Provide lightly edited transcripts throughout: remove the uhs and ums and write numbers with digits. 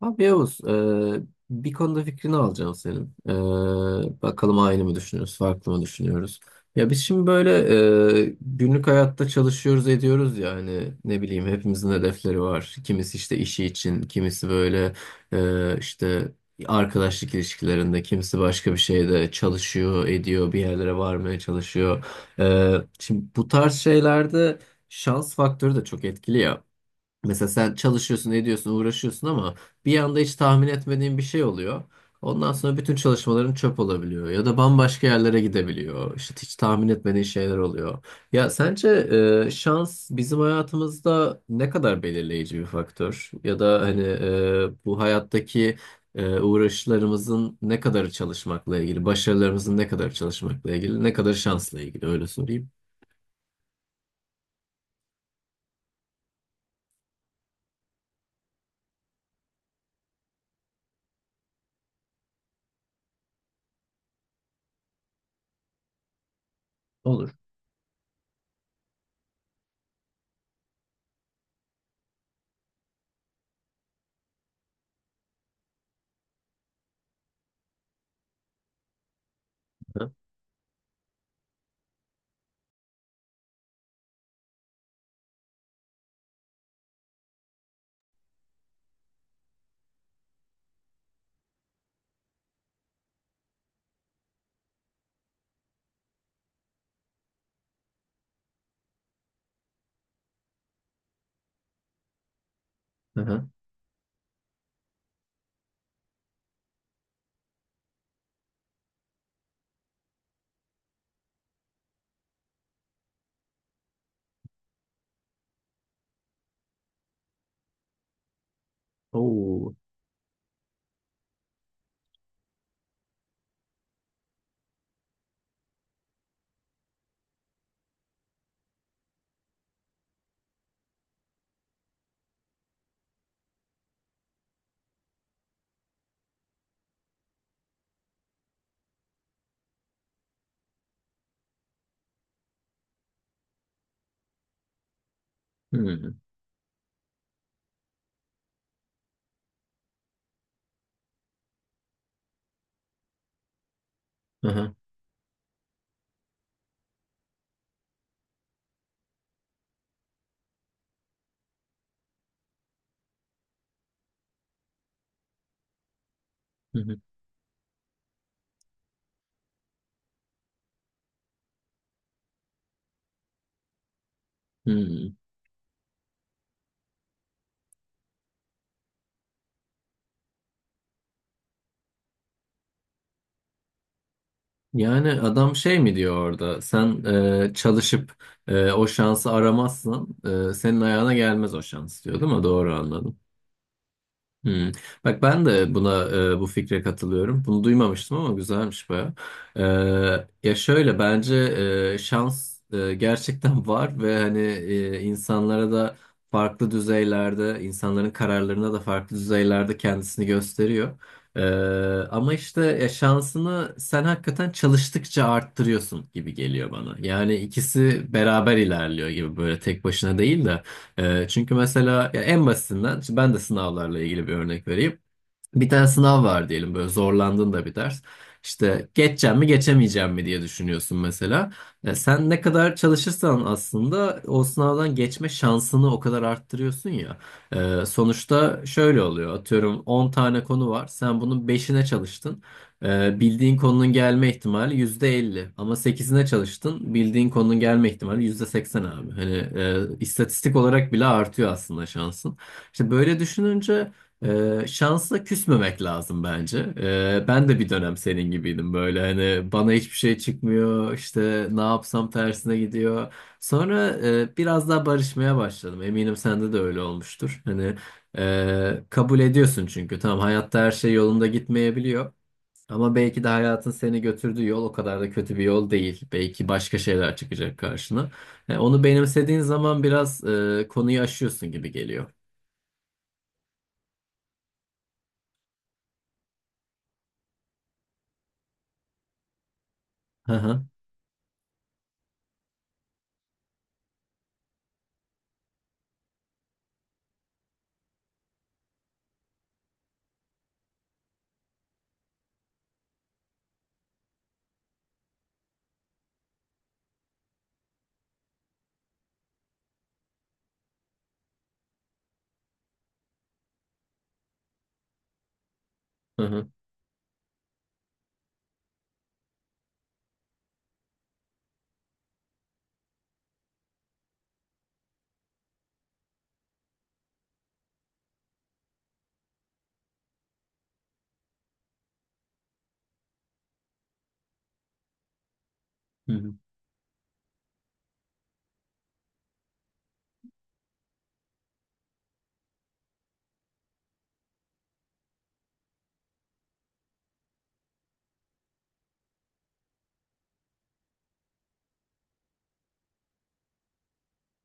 Abi Yavuz, bir konuda fikrini alacağım senin. Bakalım aynı mı düşünüyoruz, farklı mı düşünüyoruz? Ya biz şimdi böyle günlük hayatta çalışıyoruz, ediyoruz ya hani ne bileyim hepimizin hedefleri var. Kimisi işte işi için, kimisi böyle işte arkadaşlık ilişkilerinde, kimisi başka bir şeyde çalışıyor, ediyor, bir yerlere varmaya çalışıyor. E, Şimdi bu tarz şeylerde şans faktörü de çok etkili ya. Mesela sen çalışıyorsun, ediyorsun, uğraşıyorsun ama bir anda hiç tahmin etmediğin bir şey oluyor. Ondan sonra bütün çalışmaların çöp olabiliyor ya da bambaşka yerlere gidebiliyor. İşte hiç tahmin etmediğin şeyler oluyor. Ya sence şans bizim hayatımızda ne kadar belirleyici bir faktör? Ya da hani bu hayattaki uğraşlarımızın ne kadarı çalışmakla ilgili, başarılarımızın ne kadarı çalışmakla ilgili, ne kadar şansla ilgili öyle sorayım. Olur. Hı hı. Oo. Hmm. Hı hı. Hı hı. Hmm. Yani adam şey mi diyor orada? Sen çalışıp o şansı aramazsan senin ayağına gelmez o şans diyor, değil mi? Doğru anladım. Hmm. Bak ben de buna bu fikre katılıyorum. Bunu duymamıştım ama güzelmiş baya. Ya şöyle bence şans gerçekten var ve hani insanlara da farklı düzeylerde, insanların kararlarına da farklı düzeylerde kendisini gösteriyor. E, Ama işte ya şansını sen hakikaten çalıştıkça arttırıyorsun gibi geliyor bana. Yani ikisi beraber ilerliyor gibi böyle tek başına değil de. Çünkü mesela ya en basitinden ben de sınavlarla ilgili bir örnek vereyim. Bir tane sınav var diyelim böyle zorlandığın da bir ders. İşte geçeceğim mi geçemeyeceğim mi diye düşünüyorsun mesela. Sen ne kadar çalışırsan aslında o sınavdan geçme şansını o kadar arttırıyorsun ya. Sonuçta şöyle oluyor, atıyorum 10 tane konu var sen bunun beşine çalıştın. Bildiğin konunun gelme ihtimali %50. Ama sekizine çalıştın bildiğin konunun gelme ihtimali %80 abi. Hani istatistik olarak bile artıyor aslında şansın. İşte böyle düşününce... Şansla küsmemek lazım bence. Ben de bir dönem senin gibiydim, böyle hani bana hiçbir şey çıkmıyor, işte ne yapsam tersine gidiyor. Sonra biraz daha barışmaya başladım. Eminim sende de öyle olmuştur. Hani kabul ediyorsun çünkü tamam, hayatta her şey yolunda gitmeyebiliyor. Ama belki de hayatın seni götürdüğü yol o kadar da kötü bir yol değil. Belki başka şeyler çıkacak karşına. Onu benimsediğin zaman biraz konuyu aşıyorsun gibi geliyor. Hı hı. Hı hı.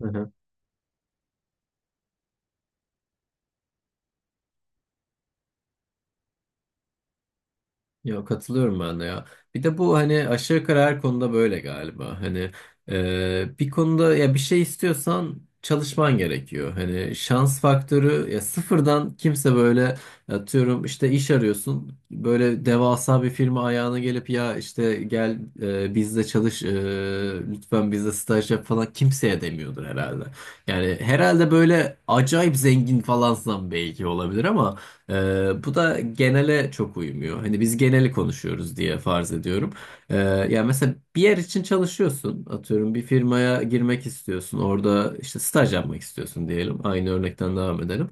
Hı hı. Ya katılıyorum ben de ya. Bir de bu hani aşağı yukarı her konuda böyle galiba. Hani bir konuda ya bir şey istiyorsan çalışman gerekiyor. Hani şans faktörü ya sıfırdan kimse böyle atıyorum işte iş arıyorsun. Böyle devasa bir firma ayağına gelip ya işte gel bizde çalış, lütfen bizde staj yap falan kimseye demiyordur herhalde. Yani herhalde böyle acayip zengin falansan belki olabilir ama bu da genele çok uymuyor. Hani biz geneli konuşuyoruz diye farz ediyorum. Ee, Yani mesela bir yer için çalışıyorsun. Atıyorum bir firmaya girmek istiyorsun. Orada işte staj yapmak istiyorsun diyelim. Aynı örnekten devam edelim.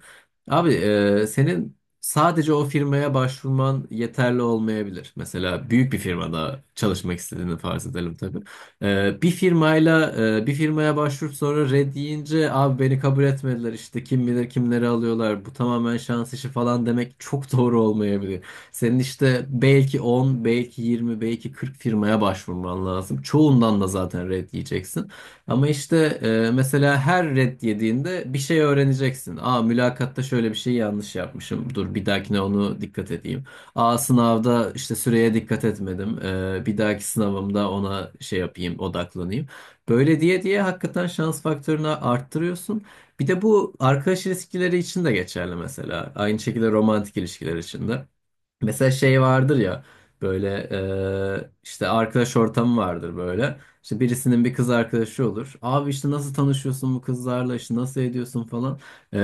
Abi senin sadece o firmaya başvurman yeterli olmayabilir. Mesela büyük bir firmada çalışmak istediğini farz edelim tabii. Ee, bir firmayla Bir firmaya başvurup sonra red deyince abi beni kabul etmediler, işte kim bilir kimleri alıyorlar, bu tamamen şans işi falan demek çok doğru olmayabilir. Senin işte belki 10, belki 20, belki 40 firmaya başvurman lazım. Çoğundan da zaten red yiyeceksin. Ama işte mesela her red yediğinde bir şey öğreneceksin. Aa, mülakatta şöyle bir şey yanlış yapmışım. Dur bir dahakine onu dikkat edeyim. A, sınavda işte süreye dikkat etmedim. Bir dahaki sınavımda ona şey yapayım, odaklanayım. Böyle diye diye hakikaten şans faktörünü arttırıyorsun. Bir de bu arkadaş ilişkileri için de geçerli mesela. Aynı şekilde romantik ilişkiler için de. Mesela şey vardır ya, böyle işte arkadaş ortamı vardır böyle. İşte birisinin bir kız arkadaşı olur. Abi işte nasıl tanışıyorsun bu kızlarla, işte nasıl ediyorsun falan. E,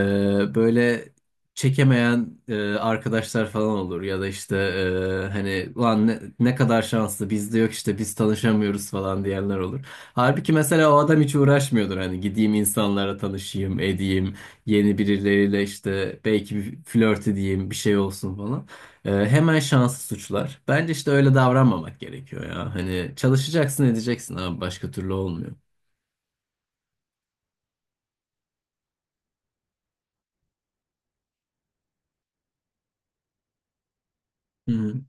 Böyle çekemeyen arkadaşlar falan olur. Ya da işte hani lan ne kadar şanslı, bizde yok işte biz tanışamıyoruz falan diyenler olur. Halbuki mesela o adam hiç uğraşmıyordur. Hani gideyim insanlara tanışayım edeyim, yeni birileriyle işte belki bir flört edeyim bir şey olsun falan. Hemen şansı suçlar. Bence işte öyle davranmamak gerekiyor ya. Hani çalışacaksın edeceksin abi, başka türlü olmuyor. Hı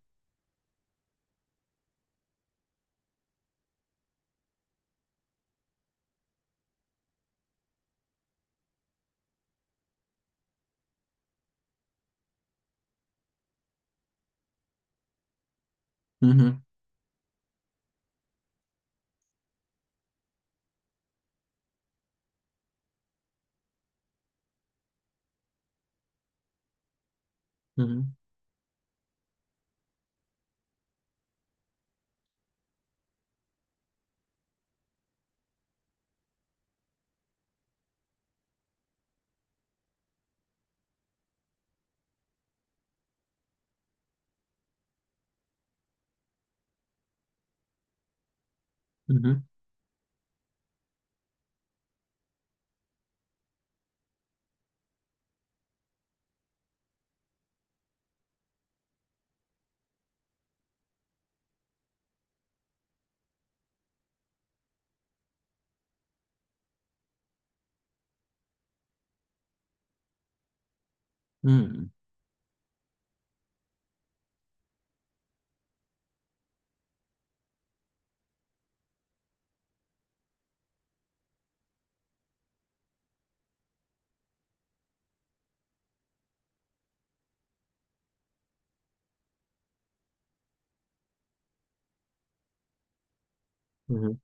hı hı hı hı hı hı hı hı.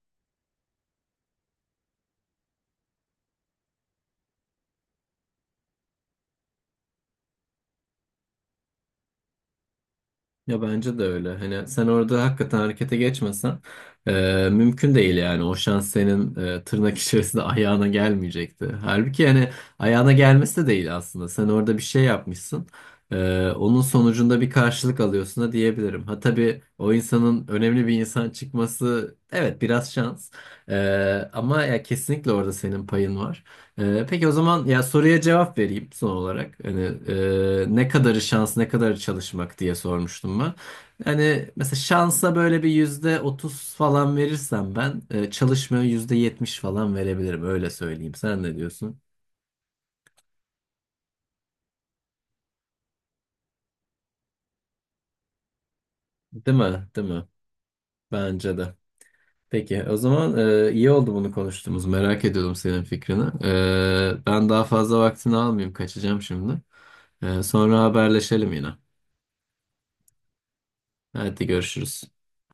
Ya bence de öyle. Hani sen orada hakikaten harekete geçmesen mümkün değil yani. O şans senin tırnak içerisinde ayağına gelmeyecekti. Halbuki hani ayağına gelmesi de değil aslında. Sen orada bir şey yapmışsın. E, Onun sonucunda bir karşılık alıyorsun da diyebilirim. Ha tabii, o insanın önemli bir insan çıkması, evet, biraz şans. Ama ya kesinlikle orada senin payın var. Peki o zaman ya soruya cevap vereyim son olarak. Hani ne kadarı şans, ne kadarı çalışmak diye sormuştum ben. Hani mesela şansa böyle bir %30 falan verirsem ben, çalışmaya %70 falan verebilirim. Öyle söyleyeyim. Sen ne diyorsun? Değil mi? Değil mi? Bence de. Peki o zaman iyi oldu bunu konuştuğumuz. Merak ediyordum senin fikrini. Ben daha fazla vaktini almayayım. Kaçacağım şimdi. Sonra haberleşelim yine. Hadi görüşürüz.